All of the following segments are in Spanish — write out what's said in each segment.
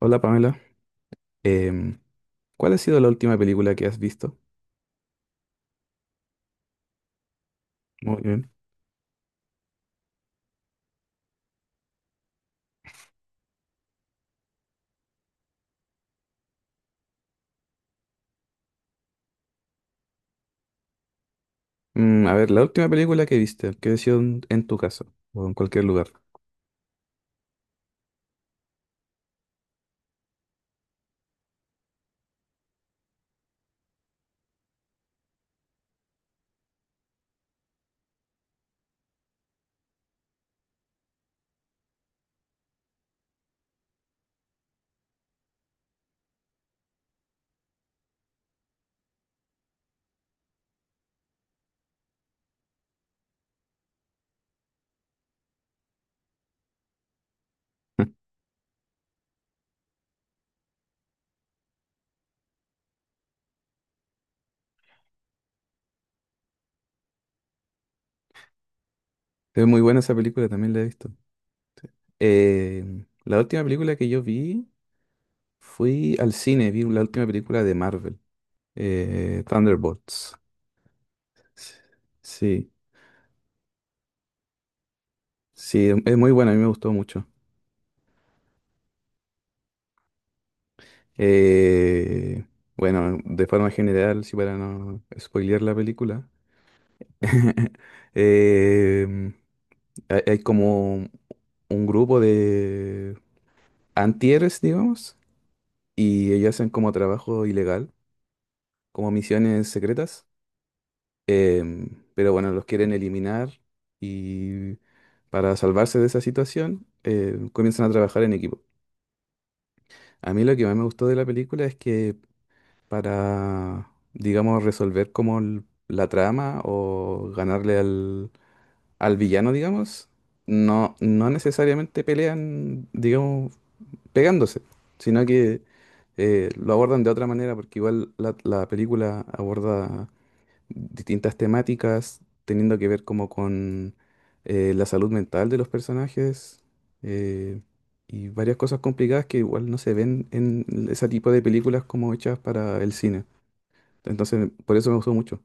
Hola Pamela. Em, ¿Cuál ha sido la última película que has visto? Muy bien. A ver, la última película que viste, que ha sido en tu casa o en cualquier lugar. Es muy buena esa película, también la he visto. La última película que yo vi, fui al cine, vi la última película de Marvel, Thunderbolts. Sí, sí, es muy buena, a mí me gustó mucho. Eh, bueno, de forma general, si para no spoilear la película. em, hay como un grupo de antieres, digamos, y ellos hacen como trabajo ilegal, como misiones secretas. em, pero bueno, los quieren eliminar y para salvarse de esa situación comienzan a trabajar en equipo. A mí lo que más me gustó de la película es que para, digamos, resolver como la trama o ganarle al villano, digamos, no, no necesariamente pelean, digamos, pegándose, sino que lo abordan de otra manera, porque igual la película aborda distintas temáticas teniendo que ver como con la salud mental de los personajes, eh, y varias cosas complicadas que igual no se ven en ese tipo de películas como hechas para el cine. Entonces, por eso me gustó mucho.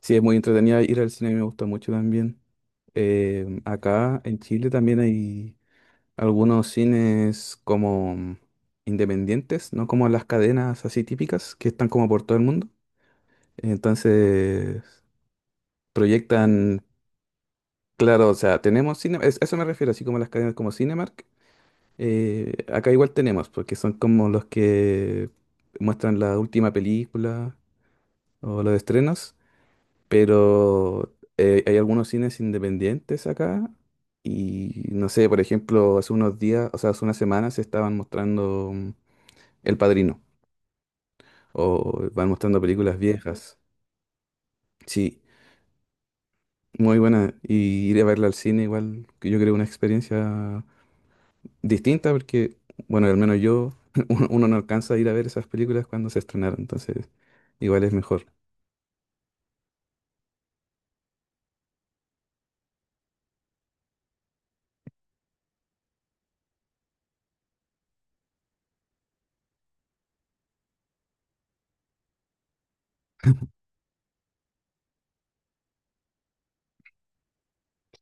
Sí, es muy entretenida ir al cine, me gusta mucho también. Acá en Chile también hay algunos cines como independientes, no como las cadenas así típicas que están como por todo el mundo. Entonces, proyectan, claro, o sea, tenemos cine, eso me refiero, así como las cadenas como Cinemark. Acá igual tenemos, porque son como los que muestran la última película o los estrenos, pero hay algunos cines independientes acá. Y no sé, por ejemplo, hace unos días, o sea, hace unas semanas se estaban mostrando, El Padrino. O van mostrando películas viejas. Sí, muy buena. Y ir a verla al cine igual, que yo creo una experiencia distinta porque, bueno, al menos yo, uno no alcanza a ir a ver esas películas cuando se estrenaron, entonces igual es mejor.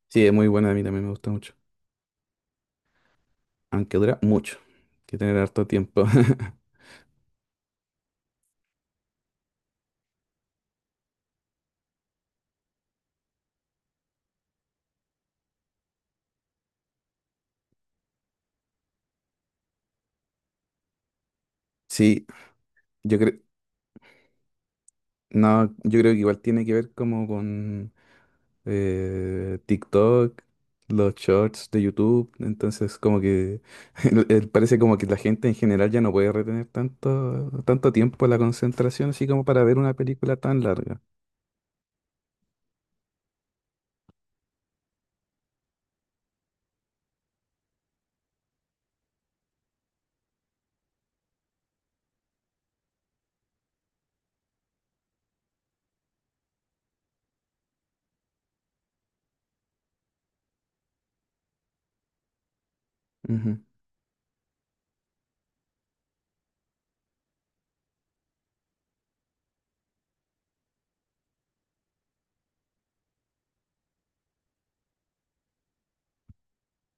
Sí, es muy buena, a mí también me gusta mucho. Aunque dura mucho, hay que tener harto tiempo. Sí, yo creo, no, yo creo que igual tiene que ver como con TikTok, los shorts de YouTube. Entonces, como que parece como que la gente en general ya no puede retener tanto, tanto tiempo la concentración, así como para ver una película tan larga. Ujú.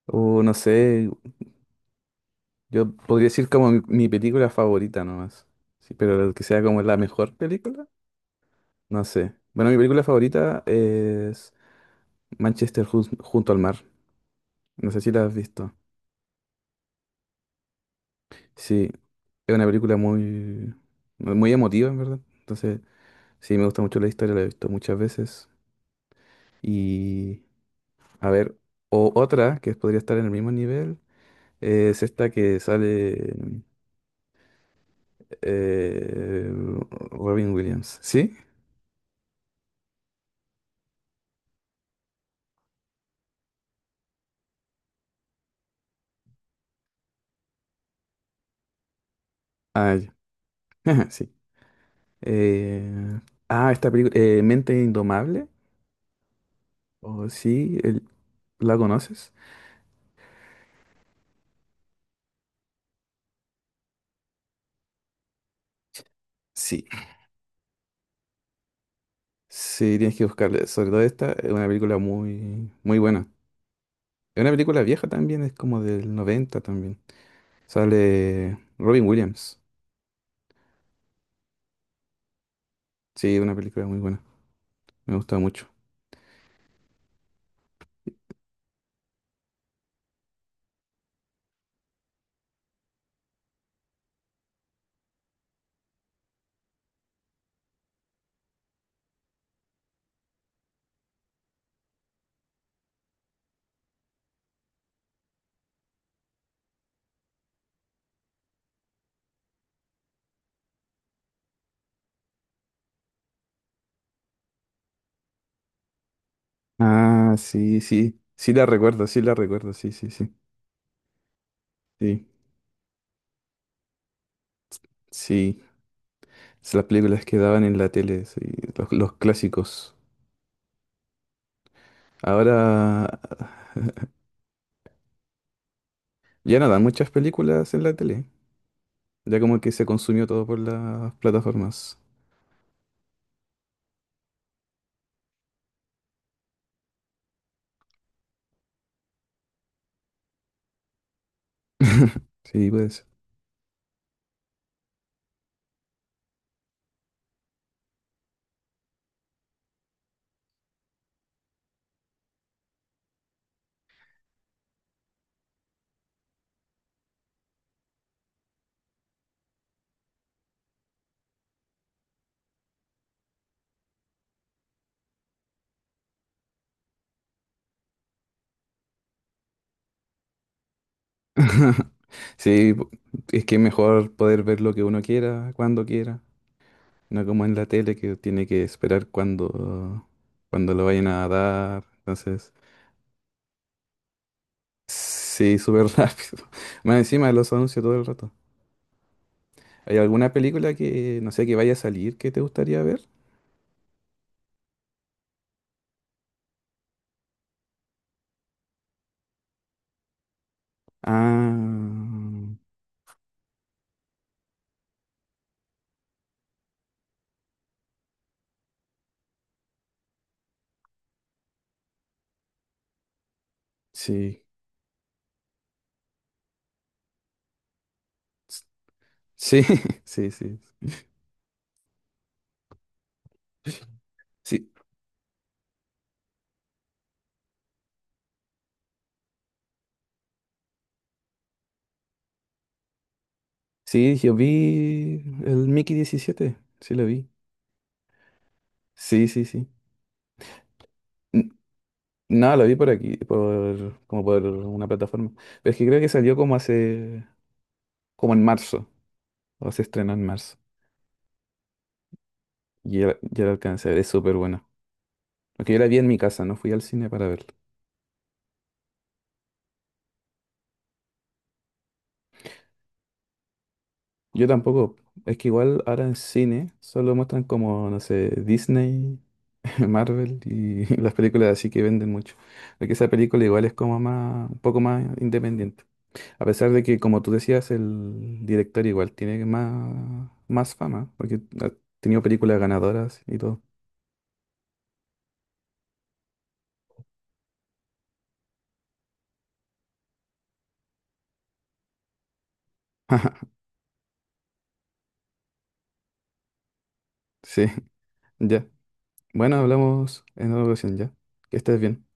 O no sé, yo podría decir como mi película favorita nomás. Sí, pero que sea como la mejor película, no sé. Bueno, mi película favorita es Manchester junto al mar. No sé si la has visto. Sí, es una película muy, muy emotiva, en verdad. Entonces, sí, me gusta mucho la historia, la he visto muchas veces. Y a ver, o otra que podría estar en el mismo nivel es esta que sale, eh, Robin Williams. ¿Sí? Ah, ya. Sí. Eh, ah, esta película, Mente Indomable. ¿O sí? ¿La conoces? Sí. Sí, tienes que buscarla. Sobre todo esta, es una película muy, muy buena. Es una película vieja también, es como del 90 también. Sale Robin Williams. Sí, una película muy buena. Me gusta mucho. Ah, sí, sí. Sí la recuerdo, sí la recuerdo, sí, sí, sí. Sí, sí. Es las películas que daban en la tele, sí, los clásicos. Ahora ya no dan muchas películas en la tele. Ya como que se consumió todo por las plataformas. Sí, pues. Sí, es que es mejor poder ver lo que uno quiera, cuando quiera. No como en la tele que tiene que esperar cuando, cuando lo vayan a dar. Entonces... Sí, súper rápido. Más encima de los anuncios todo el rato. ¿Hay alguna película que, no sé, que vaya a salir que te gustaría ver? Ah, sí. S- Sí, sí, sí. Sí, sí, yo vi el Mickey 17. Sí, lo vi. Sí, sí, sí. N- No, lo vi por aquí, por, como por una plataforma. Pero es que creo que salió como hace, como en marzo, o se estrenó en marzo. Y ya, ya lo alcancé a ver, es súper bueno. Porque yo la vi en mi casa, no fui al cine para verla. Yo tampoco. Es que igual ahora en cine solo muestran como, no sé, Disney, Marvel y las películas así que venden mucho. Porque esa película igual es como más, un poco más independiente. A pesar de que, como tú decías, el director igual tiene más, más fama, porque ha tenido películas ganadoras y todo. Sí, ya. Bueno, hablamos en otra ocasión ya. Que estés bien.